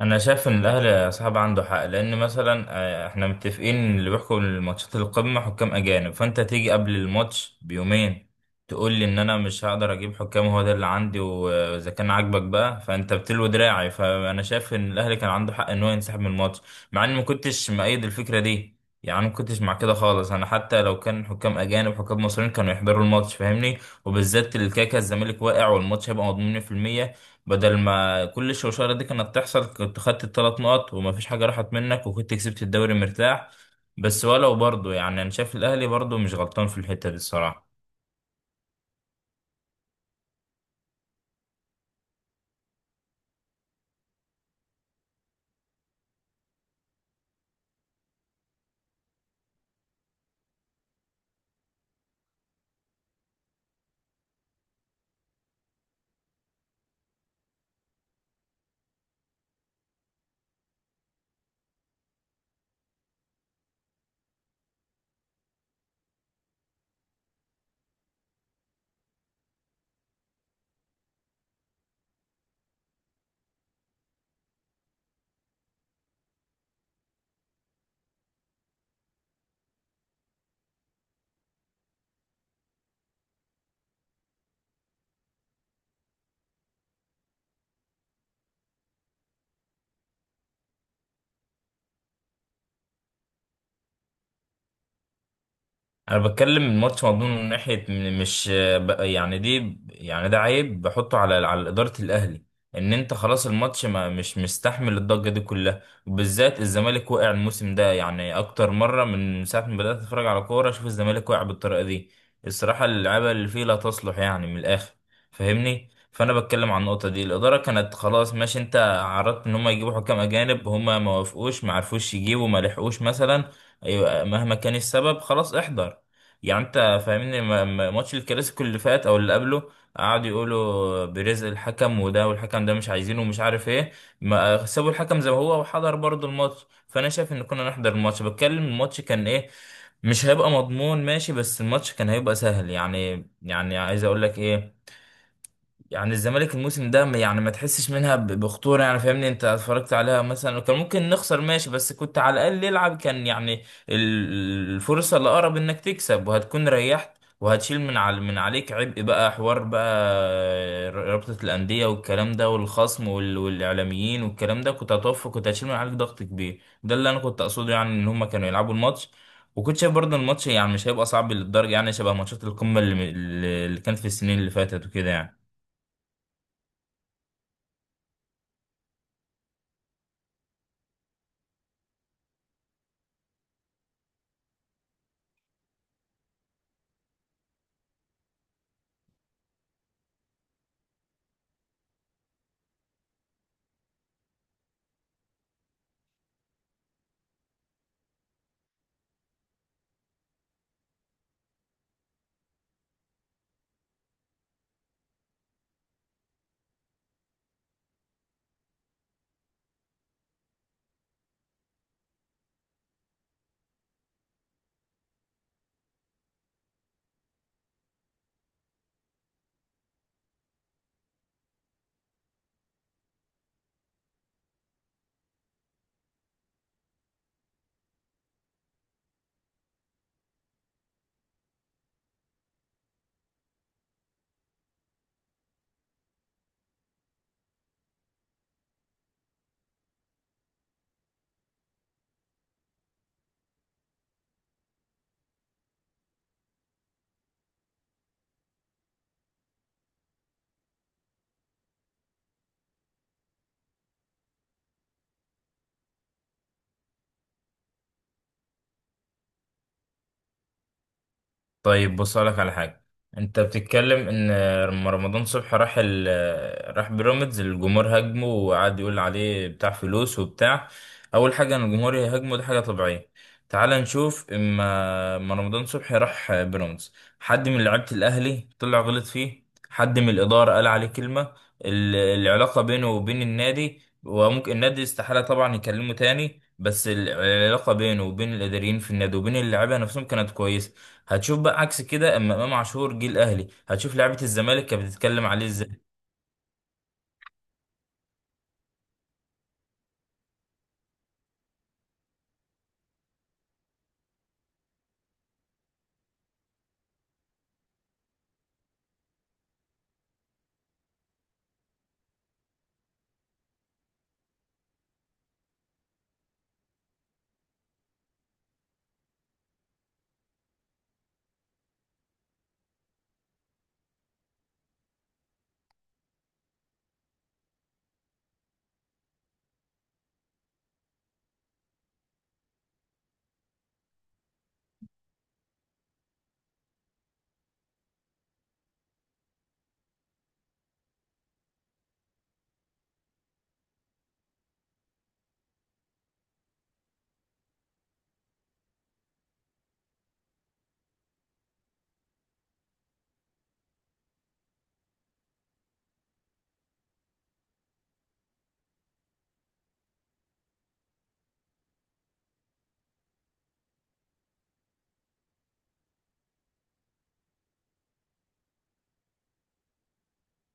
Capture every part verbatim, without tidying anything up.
انا شايف ان الاهلي يا صاحب عنده حق لان مثلا آه، احنا متفقين ان اللي بيحكم الماتشات القمه حكام اجانب، فانت تيجي قبل الماتش بيومين تقول لي ان انا مش هقدر اجيب حكام، هو ده اللي عندي واذا كان عاجبك بقى فانت بتلوي دراعي. فانا شايف ان الاهلي كان عنده حق ان هو ينسحب من الماتش، مع اني ما كنتش مؤيد الفكره دي، يعني ما كنتش مع كده خالص. انا حتى لو كان حكام اجانب حكام مصريين كانوا يحضروا الماتش فاهمني، وبالذات الكاكا الزمالك واقع والماتش هيبقى مضمون مية في المية. بدل ما كل الشوشرة دي كانت تحصل كنت خدت الثلاث نقط ومفيش حاجة راحت منك وكنت كسبت الدوري مرتاح. بس ولو برضه يعني أنا شايف الأهلي برضه مش غلطان في الحتة دي الصراحة. انا بتكلم الماتش مضمون من ناحيه م- مش ب- يعني دي يعني ده عيب بحطه على على اداره الاهلي، ان انت خلاص الماتش ما مش مستحمل الضجه دي كلها، وبالذات الزمالك وقع الموسم ده يعني اكتر مره من ساعه ما بدات اتفرج على كوره اشوف الزمالك وقع بالطريقه دي. الصراحه اللعيبه اللي فيه لا تصلح يعني من الاخر فاهمني. فانا بتكلم عن النقطه دي، الاداره كانت خلاص ماشي انت عرضت ان هم يجيبوا حكام اجانب، هم ما وافقوش ما عرفوش يجيبوا ما لحقوش مثلا، أيوة، مهما كان السبب خلاص احضر يعني انت فاهمني. م- م- ماتش الكلاسيكو اللي فات او اللي قبله قعدوا يقولوا بيريز الحكم وده والحكم ده مش عايزينه ومش عارف ايه، ما سابوا الحكم زي ما هو وحضر برضه الماتش. فانا شايف ان كنا نحضر الماتش، بتكلم الماتش كان ايه، مش هيبقى مضمون ماشي بس الماتش كان هيبقى سهل يعني، يعني عايز اقول لك ايه، يعني الزمالك الموسم ده ما- يعني ما تحسش منها ب- بخطورة يعني فاهمني. انت اتفرجت عليها مثلا وكان ممكن نخسر ماشي، بس كنت على الأقل يلعب كان يعني ال- الفرصة اللي أقرب انك تكسب وهتكون ريحت وهتشيل من على من عليك عبء بقى، حوار بقى رابطة الأندية والكلام ده والخصم وال... والإعلاميين والكلام ده، كنت هتوفى كنت هتشيل من عليك ضغط كبير. ده اللي أنا كنت أقصده يعني، إن هما كانوا يلعبوا الماتش وكنت شايف برضه الماتش يعني مش هيبقى صعب للدرجة، يعني شبه ماتشات القمة اللي, اللي كانت في السنين اللي فاتت وكده يعني. طيب بص لك على حاجة، انت بتتكلم ان لما رمضان صبحي راح ال... راح بيراميدز الجمهور هاجمه وقعد يقول عليه بتاع فلوس وبتاع. اول حاجة ان الجمهور يهاجمه دي حاجة طبيعية. تعال نشوف، اما اما رمضان صبحي راح بيراميدز حد من لعيبة الاهلي طلع غلط فيه؟ حد من الادارة قال عليه كلمة؟ ال... العلاقة بينه وبين النادي، وممكن النادي استحالة طبعا يكلمه تاني، بس العلاقة بينه وبين الإداريين في النادي وبين اللعيبة نفسهم كانت كويسة. هتشوف بقى عكس كده اما امام عاشور جه الاهلي هتشوف لعيبه الزمالك كانت بتتكلم عليه ازاي.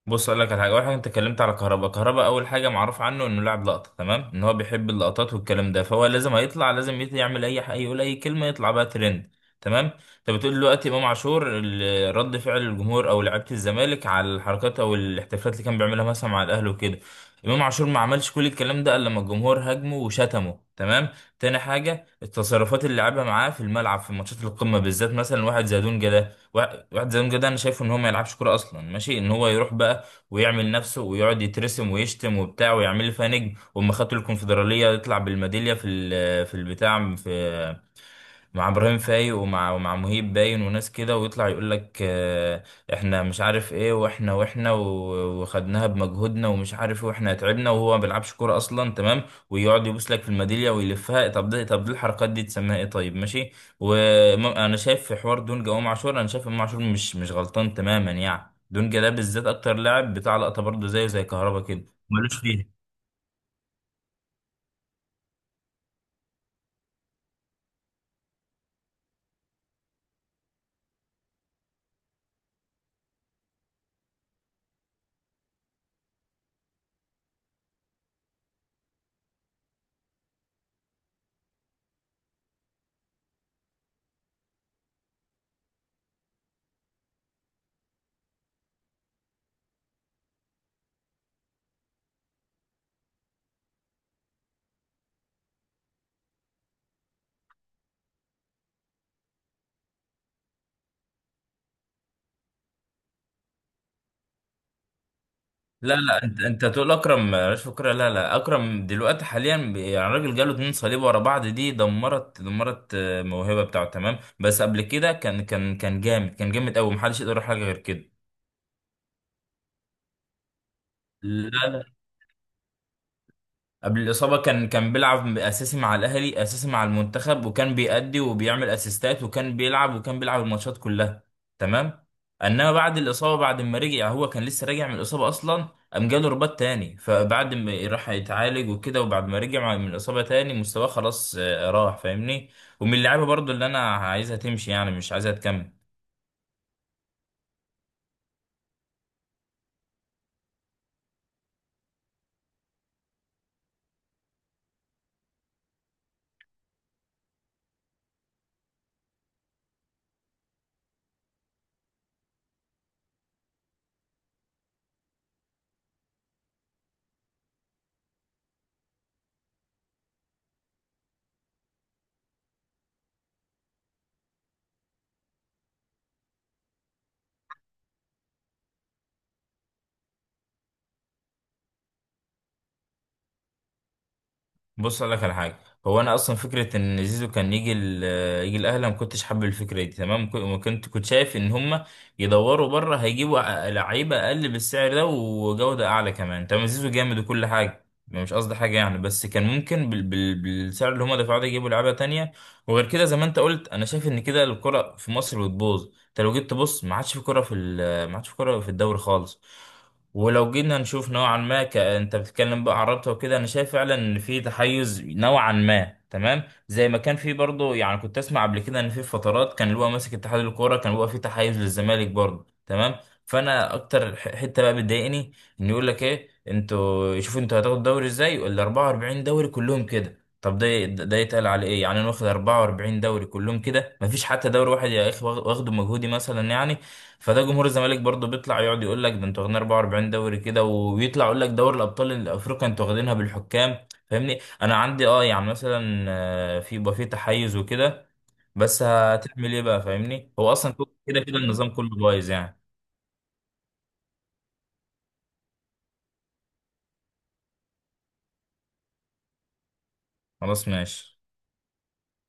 بص اقول لك على حاجه، اول حاجه انت اتكلمت على كهربا، كهربا اول حاجه معروف عنه انه لاعب لقطه تمام، ان هو بيحب اللقطات والكلام ده، فهو لازم هيطلع لازم يت- يعمل اي حاجه يقول اي كلمه يطلع بقى ترند تمام. انت بتقول دلوقتي امام عاشور ال- رد فعل الجمهور او لعيبه الزمالك على الحركات او الاحتفالات اللي كان بيعملها مثلا مع الاهلي وكده، امام عاشور ما عملش كل الكلام ده الا لما الجمهور هاجمه وشتمه تمام. تاني حاجه التصرفات اللي لعبها معاه في الملعب في ماتشات القمه بالذات، مثلا واحد زي دونجا ده، واحد واحد زي دونجا ده انا شايفه ان هو ما يلعبش كوره اصلا ماشي، ان هو يروح بقى ويعمل نفسه ويقعد يترسم ويشتم وبتاع ويعمل لي فيها نجم، واما خدتوا الكونفدراليه يطلع بالميداليه في ال- في البتاع في مع ابراهيم فايق ومع ومع مهيب باين وناس كده، ويطلع يقول لك آه، احنا مش عارف ايه، واحنا واحنا و- وخدناها بمجهودنا ومش عارف ايه، واحنا تعبنا وهو ما بيلعبش كوره اصلا تمام. ويقعد يبوس لك في الميداليه ويلفها، طب ده طب دي الحركات دي تسميها ايه؟ طيب ماشي. وانا شايف في حوار دونجا وامام عاشور انا شايف امام عاشور مش مش غلطان تماما يعني، دونجا ده بالذات اكتر لاعب بتاع لقطه برضه زيه زي كهربا كده، ملوش فيها. لا لا، انت انت تقول اكرم مش فكرة، لا لا، اكرم دلوقتي حاليا ب- يعني راجل جاله اتنين صليب ورا بعض دي دمرت دمرت آه، الموهبه بتاعته تمام، بس قبل كده كان كان كان جامد، كان جامد قوي محدش يقدر يقول حاجه غير كده. لا لا، قبل الإصابة كان كان بيلعب أساسي مع الأهلي، أساسي مع المنتخب، وكان بيأدي وبيعمل أسيستات وكان بيلعب وكان بيلعب الماتشات كلها تمام. إنما بعد الإصابة بعد ما رجع هو كان لسه راجع من الإصابة أصلا قام جاله رباط تاني، فبعد ما راح يتعالج وكده وبعد ما رجع من الإصابة تاني مستواه خلاص آه، راح فاهمني. ومن اللعيبة برضو اللي أنا عايزها تمشي يعني مش عايزها تكمل. بص اقول لك على حاجه، هو انا اصلا فكره ان زيزو كان يجي ال- آه، يجي الاهلي ما كنتش حابب الفكره دي تمام، كو- ما كنت كنت شايف ان هم يدوروا بره هيجيبوا ع- لعيبه اقل بالسعر ده وجوده اعلى كمان تمام. زيزو جامد وكل حاجه مش قصدي حاجه يعني، بس كان ممكن بال بال بالسعر اللي هم دفعوه ده يجيبوا لعيبه تانية. وغير كده زي ما انت قلت انا شايف ان كده الكره في مصر بتبوظ، انت لو جيت تبص ما عادش في كره في ال- ما عادش في كره في الدوري خالص. ولو جينا نشوف نوعا ما ك... انت بتتكلم بقى عن رابطه وكده، انا شايف فعلا ان في تحيز نوعا ما تمام، زي ما كان في برضه يعني كنت اسمع قبل كده ان في فترات كان اللي هو ماسك اتحاد الكوره كان بيبقى في تحيز للزمالك برضه تمام. فانا اكتر ح- حته بقى بتضايقني ان يقول لك ايه انتوا شوفوا انتوا هتاخدوا الدوري ازاي، ال الاربعة واربعين دوري كلهم كده، طب ده ده يتقال على ايه يعني، انا واخد اربعة واربعين دوري كلهم كده، مفيش حتى دوري واحد يا اخي واخده مجهودي مثلا يعني. فده جمهور الزمالك برضه بيطلع يقعد يقول لك ده انتوا واخدين اربعة واربعين دوري كده، ويطلع يقول لك دوري الابطال الافريقي انتوا واخدينها بالحكام فاهمني. انا عندي اه يعني مثلا آه، في، يبقى في تحيز وكده، بس هتعمل ايه بقى فاهمني، هو اصلا كده كده النظام كله بايظ يعني. خلاص ماشي.